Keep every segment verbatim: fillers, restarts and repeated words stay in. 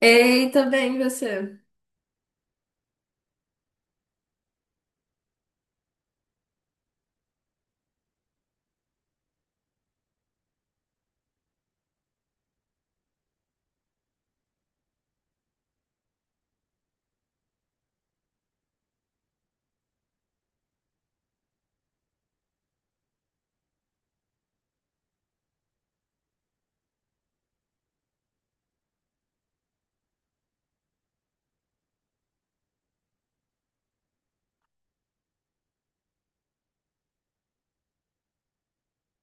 Eita, bem você.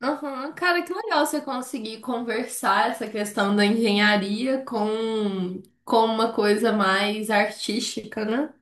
Uhum. Cara, que legal você conseguir conversar essa questão da engenharia com, com uma coisa mais artística, né?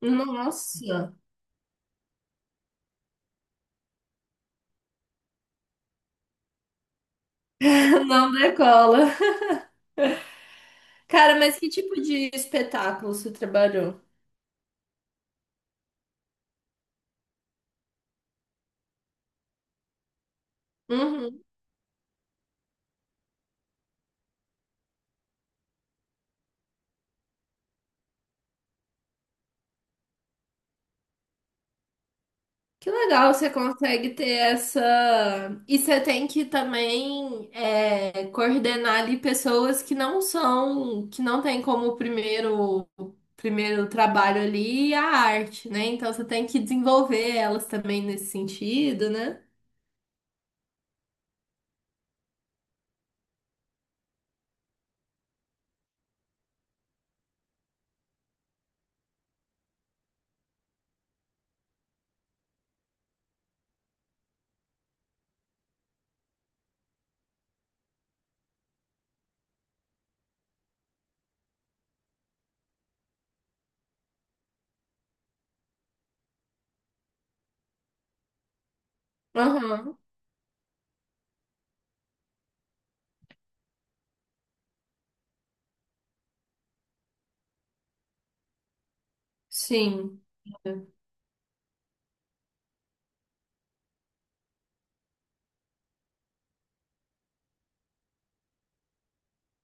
Nossa, não decola. Cara, mas que tipo de espetáculo você trabalhou? Que legal, você consegue ter essa. E você tem que também é, coordenar ali pessoas que não são, que não têm como primeiro, primeiro trabalho ali é a arte, né? Então você tem que desenvolver elas também nesse sentido, né? Aham, sim.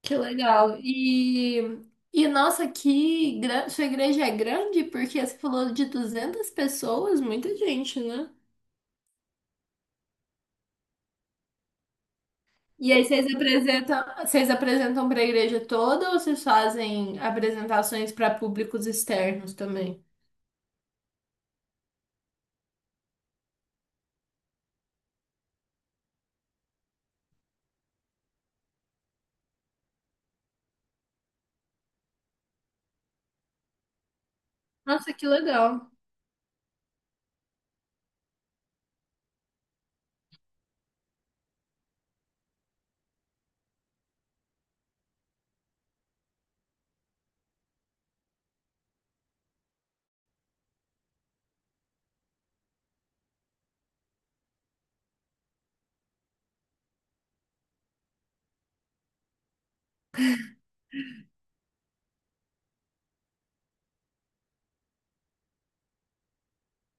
Que legal. E, e nossa, que gran... sua igreja é grande porque você falou de duzentas pessoas, muita gente, né? E aí vocês apresentam, vocês apresentam para a igreja toda ou vocês fazem apresentações para públicos externos também? Nossa, que legal.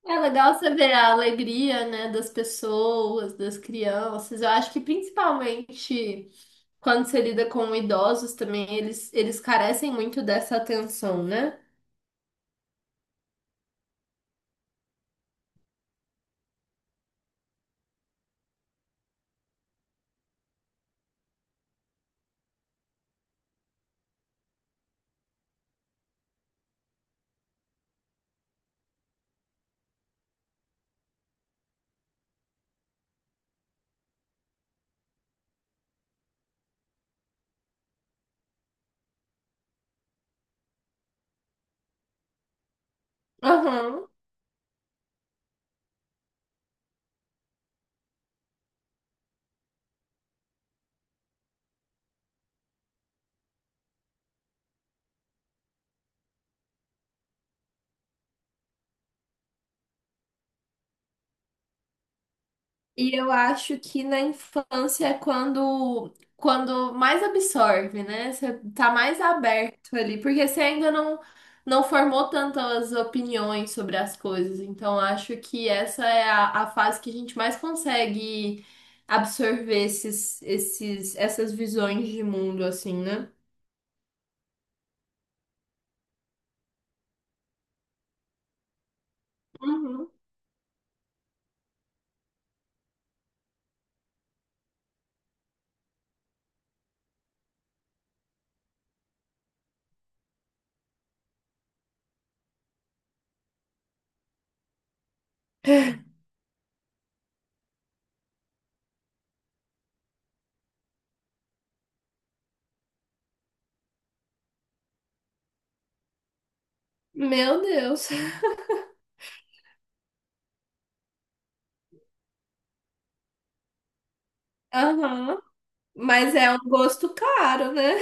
É legal você ver a alegria, né, das pessoas, das crianças. Eu acho que principalmente quando você lida com idosos também, eles, eles carecem muito dessa atenção, né? Aham. E eu acho que na infância é quando, quando mais absorve, né? Você tá mais aberto ali, porque você ainda não, não formou tantas opiniões sobre as coisas. Então, acho que essa é a, a fase que a gente mais consegue absorver esses, esses, essas visões de mundo, assim, né? Uhum. Meu Deus. Aham. Mas é um gosto caro, né?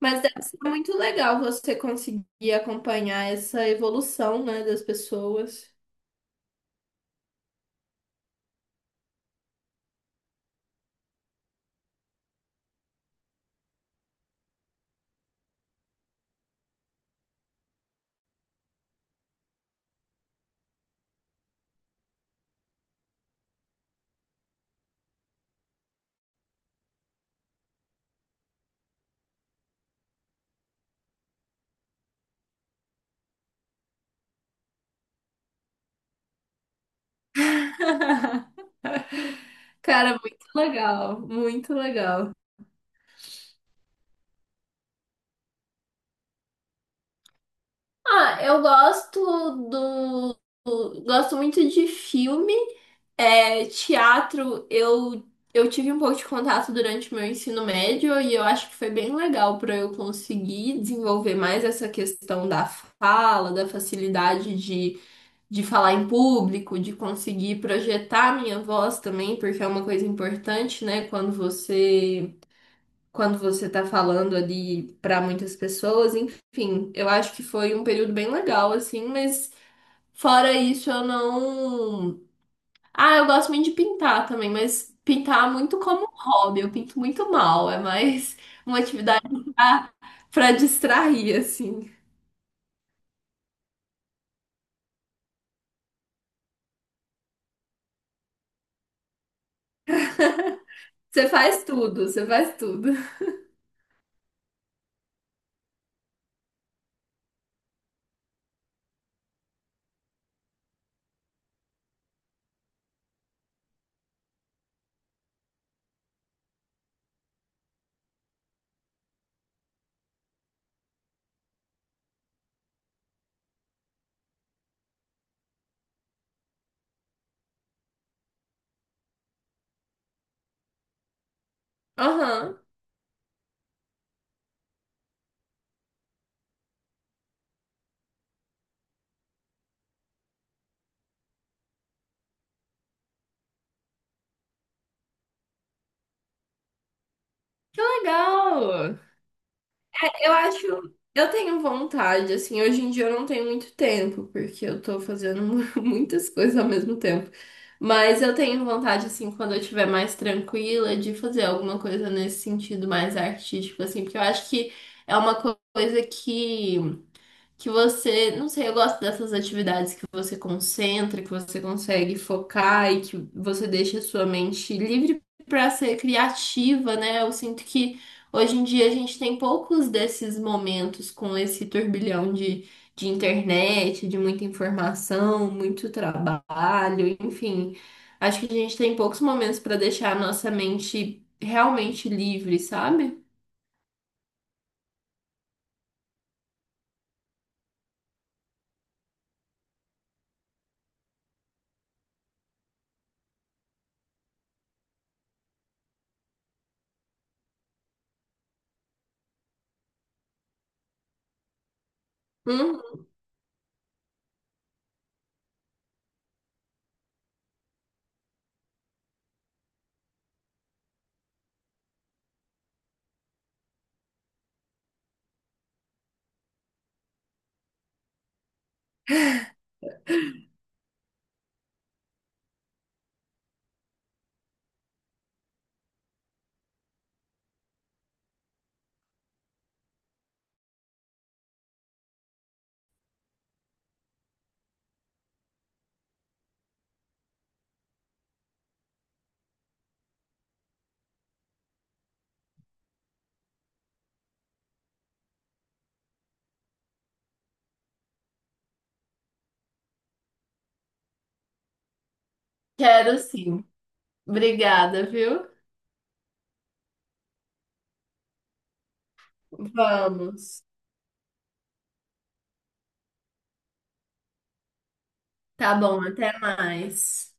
Mas deve ser muito legal você conseguir acompanhar essa evolução, né, das pessoas. Cara, muito legal, muito legal. Ah, eu gosto do, do- gosto muito de filme, é, teatro. Eu eu tive um pouco de contato durante o meu ensino médio e eu acho que foi bem legal para eu conseguir desenvolver mais essa questão da fala, da facilidade de de falar em público, de conseguir projetar a minha voz também, porque é uma coisa importante, né? Quando você quando você tá falando ali para muitas pessoas, enfim, eu acho que foi um período bem legal assim, mas fora isso eu não. Ah, eu gosto muito de pintar também, mas pintar é muito como um hobby, eu pinto muito mal, é mais uma atividade pra, pra distrair assim. Você faz tudo, você faz tudo. Aham. Legal! Eu acho, eu tenho vontade, assim, hoje em dia eu não tenho muito tempo, porque eu tô fazendo muitas coisas ao mesmo tempo. Mas eu tenho vontade, assim, quando eu estiver mais tranquila, de fazer alguma coisa nesse sentido mais artístico, assim, porque eu acho que é uma co- coisa que que você, não sei, eu gosto dessas atividades que você concentra, que você consegue focar e que você deixa a sua mente livre para ser criativa, né? Eu sinto que hoje em dia a gente tem poucos desses momentos com esse turbilhão de, de internet, de muita informação, muito trabalho, enfim. Acho que a gente tem poucos momentos para deixar a nossa mente realmente livre, sabe? Hum, quero sim. Obrigada, viu? Vamos. Tá bom, até mais.